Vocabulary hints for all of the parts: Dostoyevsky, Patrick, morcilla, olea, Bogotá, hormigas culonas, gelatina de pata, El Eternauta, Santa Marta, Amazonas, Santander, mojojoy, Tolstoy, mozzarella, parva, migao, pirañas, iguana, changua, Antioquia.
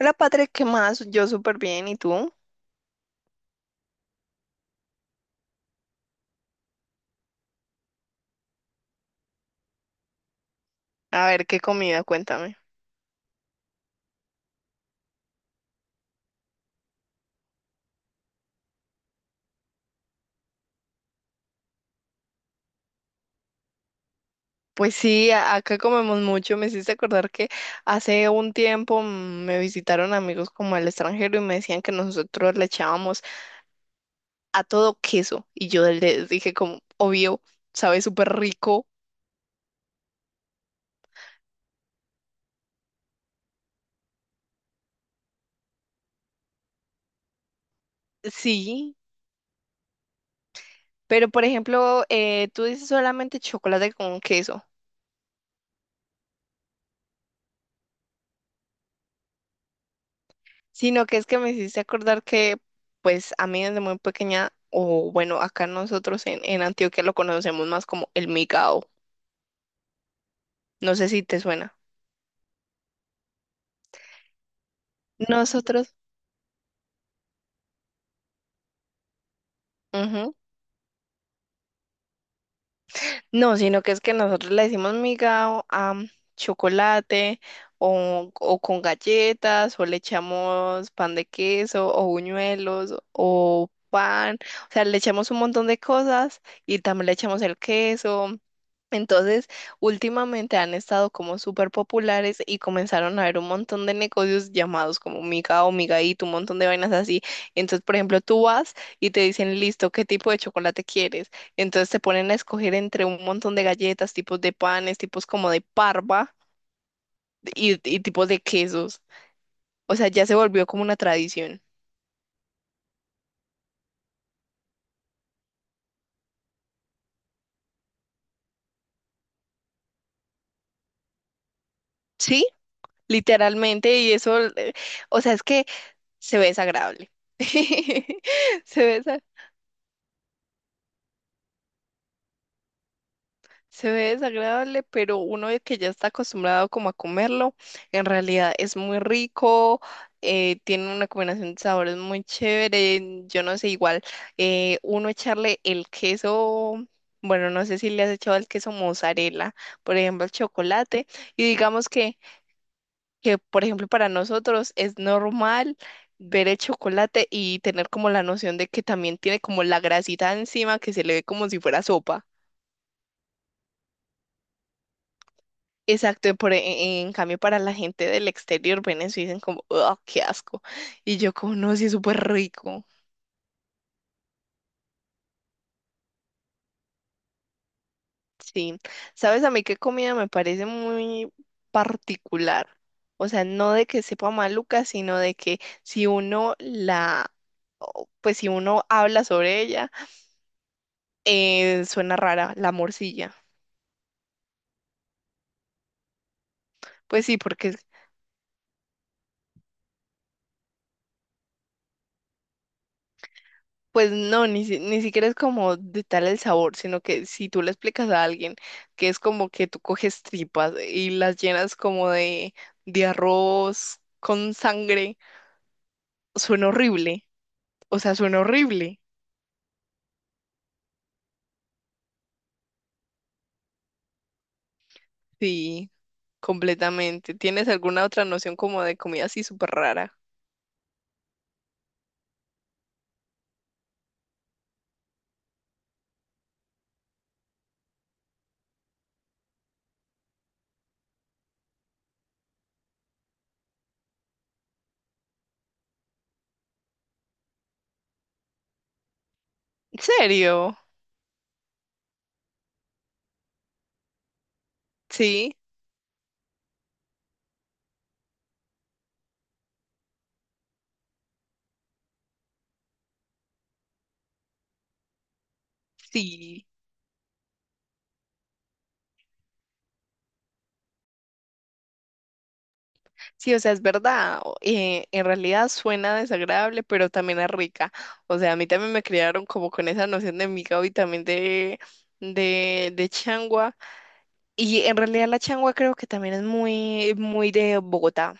Hola, Patrick, ¿qué más? Yo súper bien, ¿y tú? A ver, ¿qué comida? Cuéntame. Pues sí, acá comemos mucho. Me hiciste acordar que hace un tiempo me visitaron amigos como al extranjero y me decían que nosotros le echábamos a todo queso. Y yo les dije como, obvio, sabe súper rico. Sí, pero por ejemplo, tú dices solamente chocolate con queso. Sino que es que me hiciste acordar que, pues, a mí desde muy pequeña, o bueno, acá nosotros en Antioquia lo conocemos más como el migao. No sé si te suena. Nosotros, ujú. No, sino que es que nosotros le decimos miga a chocolate o con galletas o le echamos pan de queso o buñuelos o pan, o sea, le echamos un montón de cosas y también le echamos el queso. Entonces, últimamente han estado como súper populares y comenzaron a haber un montón de negocios llamados como miga o migaíto, un montón de vainas así. Entonces, por ejemplo, tú vas y te dicen, listo, ¿qué tipo de chocolate quieres? Entonces te ponen a escoger entre un montón de galletas, tipos de panes, tipos como de parva y tipos de quesos. O sea, ya se volvió como una tradición. Sí, literalmente, y eso, o sea, es que se ve desagradable. Se ve desagradable. Se ve desagradable, pero uno que ya está acostumbrado como a comerlo, en realidad es muy rico, tiene una combinación de sabores muy chévere, yo no sé, igual uno echarle el queso, bueno, no sé si le has echado el queso mozzarella, por ejemplo, el chocolate, y digamos que, por ejemplo, para nosotros es normal ver el chocolate y tener como la noción de que también tiene como la grasita encima que se le ve como si fuera sopa. Exacto, por, en cambio para la gente del exterior ven eso y dicen como, oh, qué asco. Y yo como, no, sí, es súper rico. Sí. ¿Sabes a mí qué comida me parece muy particular? O sea, no de que sepa maluca, sino de que si uno la, o, pues si uno habla sobre ella, suena rara la morcilla. Pues sí, porque pues no, ni, ni siquiera es como de tal el sabor, sino que si tú le explicas a alguien que es como que tú coges tripas y las llenas como de arroz con sangre, suena horrible. O sea, suena horrible. Sí, completamente. ¿Tienes alguna otra noción como de comida así súper rara? ¿En serio? Sí, sí. Sí, o sea, es verdad. En realidad suena desagradable, pero también es rica. O sea, a mí también me criaron como con esa noción de migao y también de changua. Y en realidad la changua creo que también es muy, muy de Bogotá.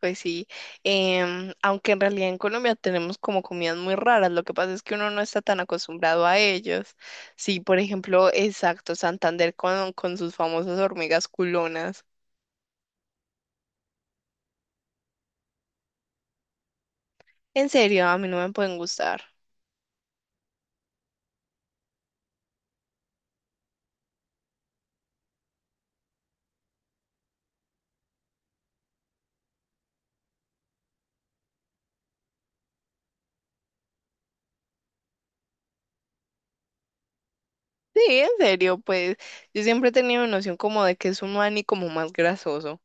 Pues sí, aunque en realidad en Colombia tenemos como comidas muy raras, lo que pasa es que uno no está tan acostumbrado a ellos. Sí, por ejemplo, exacto, Santander con sus famosas hormigas culonas. En serio, a mí no me pueden gustar. Sí, en serio, pues yo siempre he tenido noción como de que es un maní como más grasoso.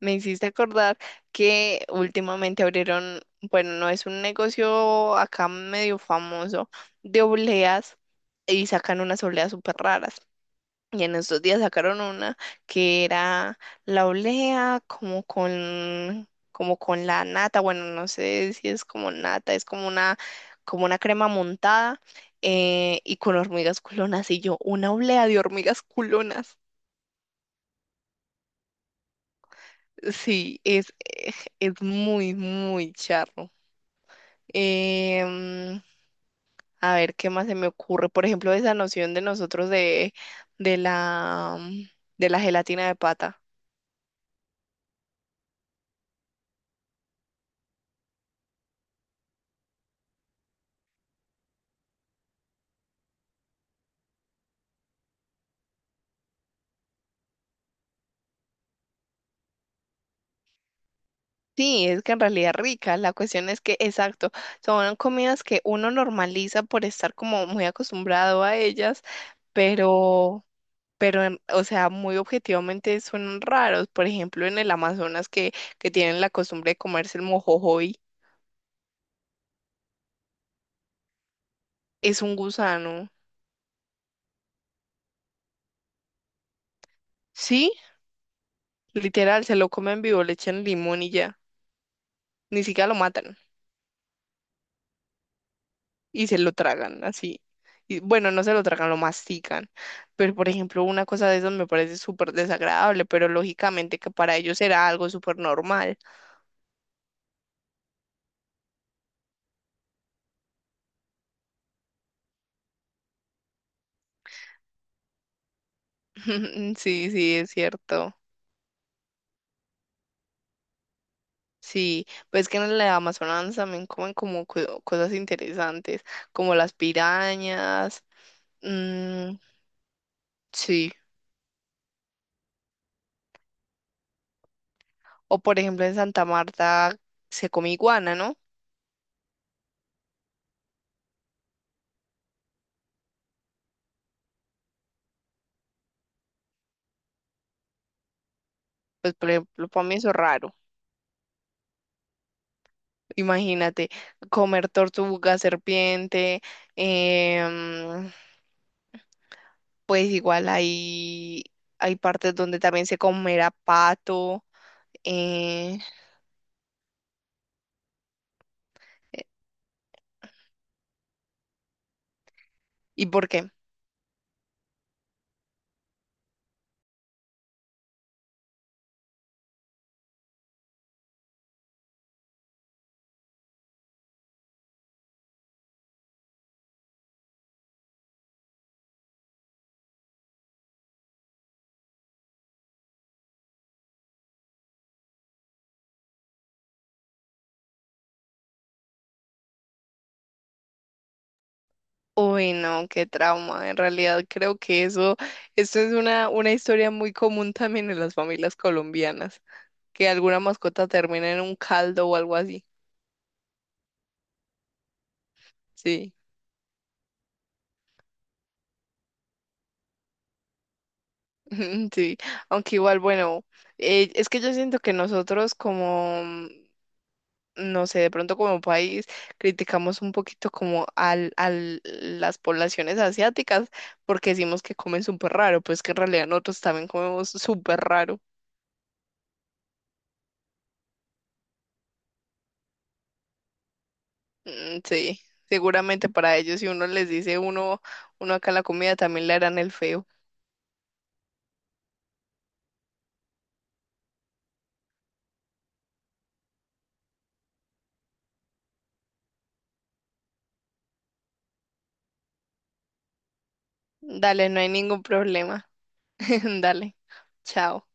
Me hiciste acordar que últimamente abrieron, bueno, no es un negocio acá medio famoso de obleas y sacan unas obleas súper raras. Y en estos días sacaron una que era la olea como con la nata, bueno, no sé si es como nata, es como una crema montada y con hormigas culonas. Y yo, una olea de hormigas culonas. Sí, es muy, muy charro. Em, a ver, ¿qué más se me ocurre? Por ejemplo, esa noción de nosotros de la, de la gelatina de pata. Sí, es que en realidad es rica. La cuestión es que, exacto, son comidas que uno normaliza por estar como muy acostumbrado a ellas, pero, pero, o sea, muy objetivamente son raros. Por ejemplo, en el Amazonas que tienen la costumbre de comerse el mojojoy, es un gusano. Sí, literal, se lo comen vivo, le echan limón y ya. Ni siquiera lo matan. Y se lo tragan así. Y, bueno, no se lo tragan, lo mastican. Pero, por ejemplo, una cosa de esas me parece súper desagradable, pero lógicamente que para ellos era algo súper normal. Sí, sí, es cierto. Sí, pues que en la Amazonas también comen como cosas interesantes, como las pirañas. Mm, sí, o por ejemplo en Santa Marta se come iguana, ¿no? Pues por ejemplo, para mí eso es raro. Imagínate, comer tortuga, serpiente, em, pues igual hay, hay partes donde también se comerá pato. eh, ¿Y por qué? Uy, no, qué trauma. En realidad creo que eso es una historia muy común también en las familias colombianas, que alguna mascota termina en un caldo o algo así. Sí, sí. Aunque igual, bueno, es que yo siento que nosotros como no sé, de pronto como país criticamos un poquito como al, al las poblaciones asiáticas porque decimos que comen súper raro, pues que en realidad nosotros también comemos súper raro. Mm, sí, seguramente para ellos si uno les dice uno, uno acá la comida también le harán el feo. Dale, no hay ningún problema. Dale, chao.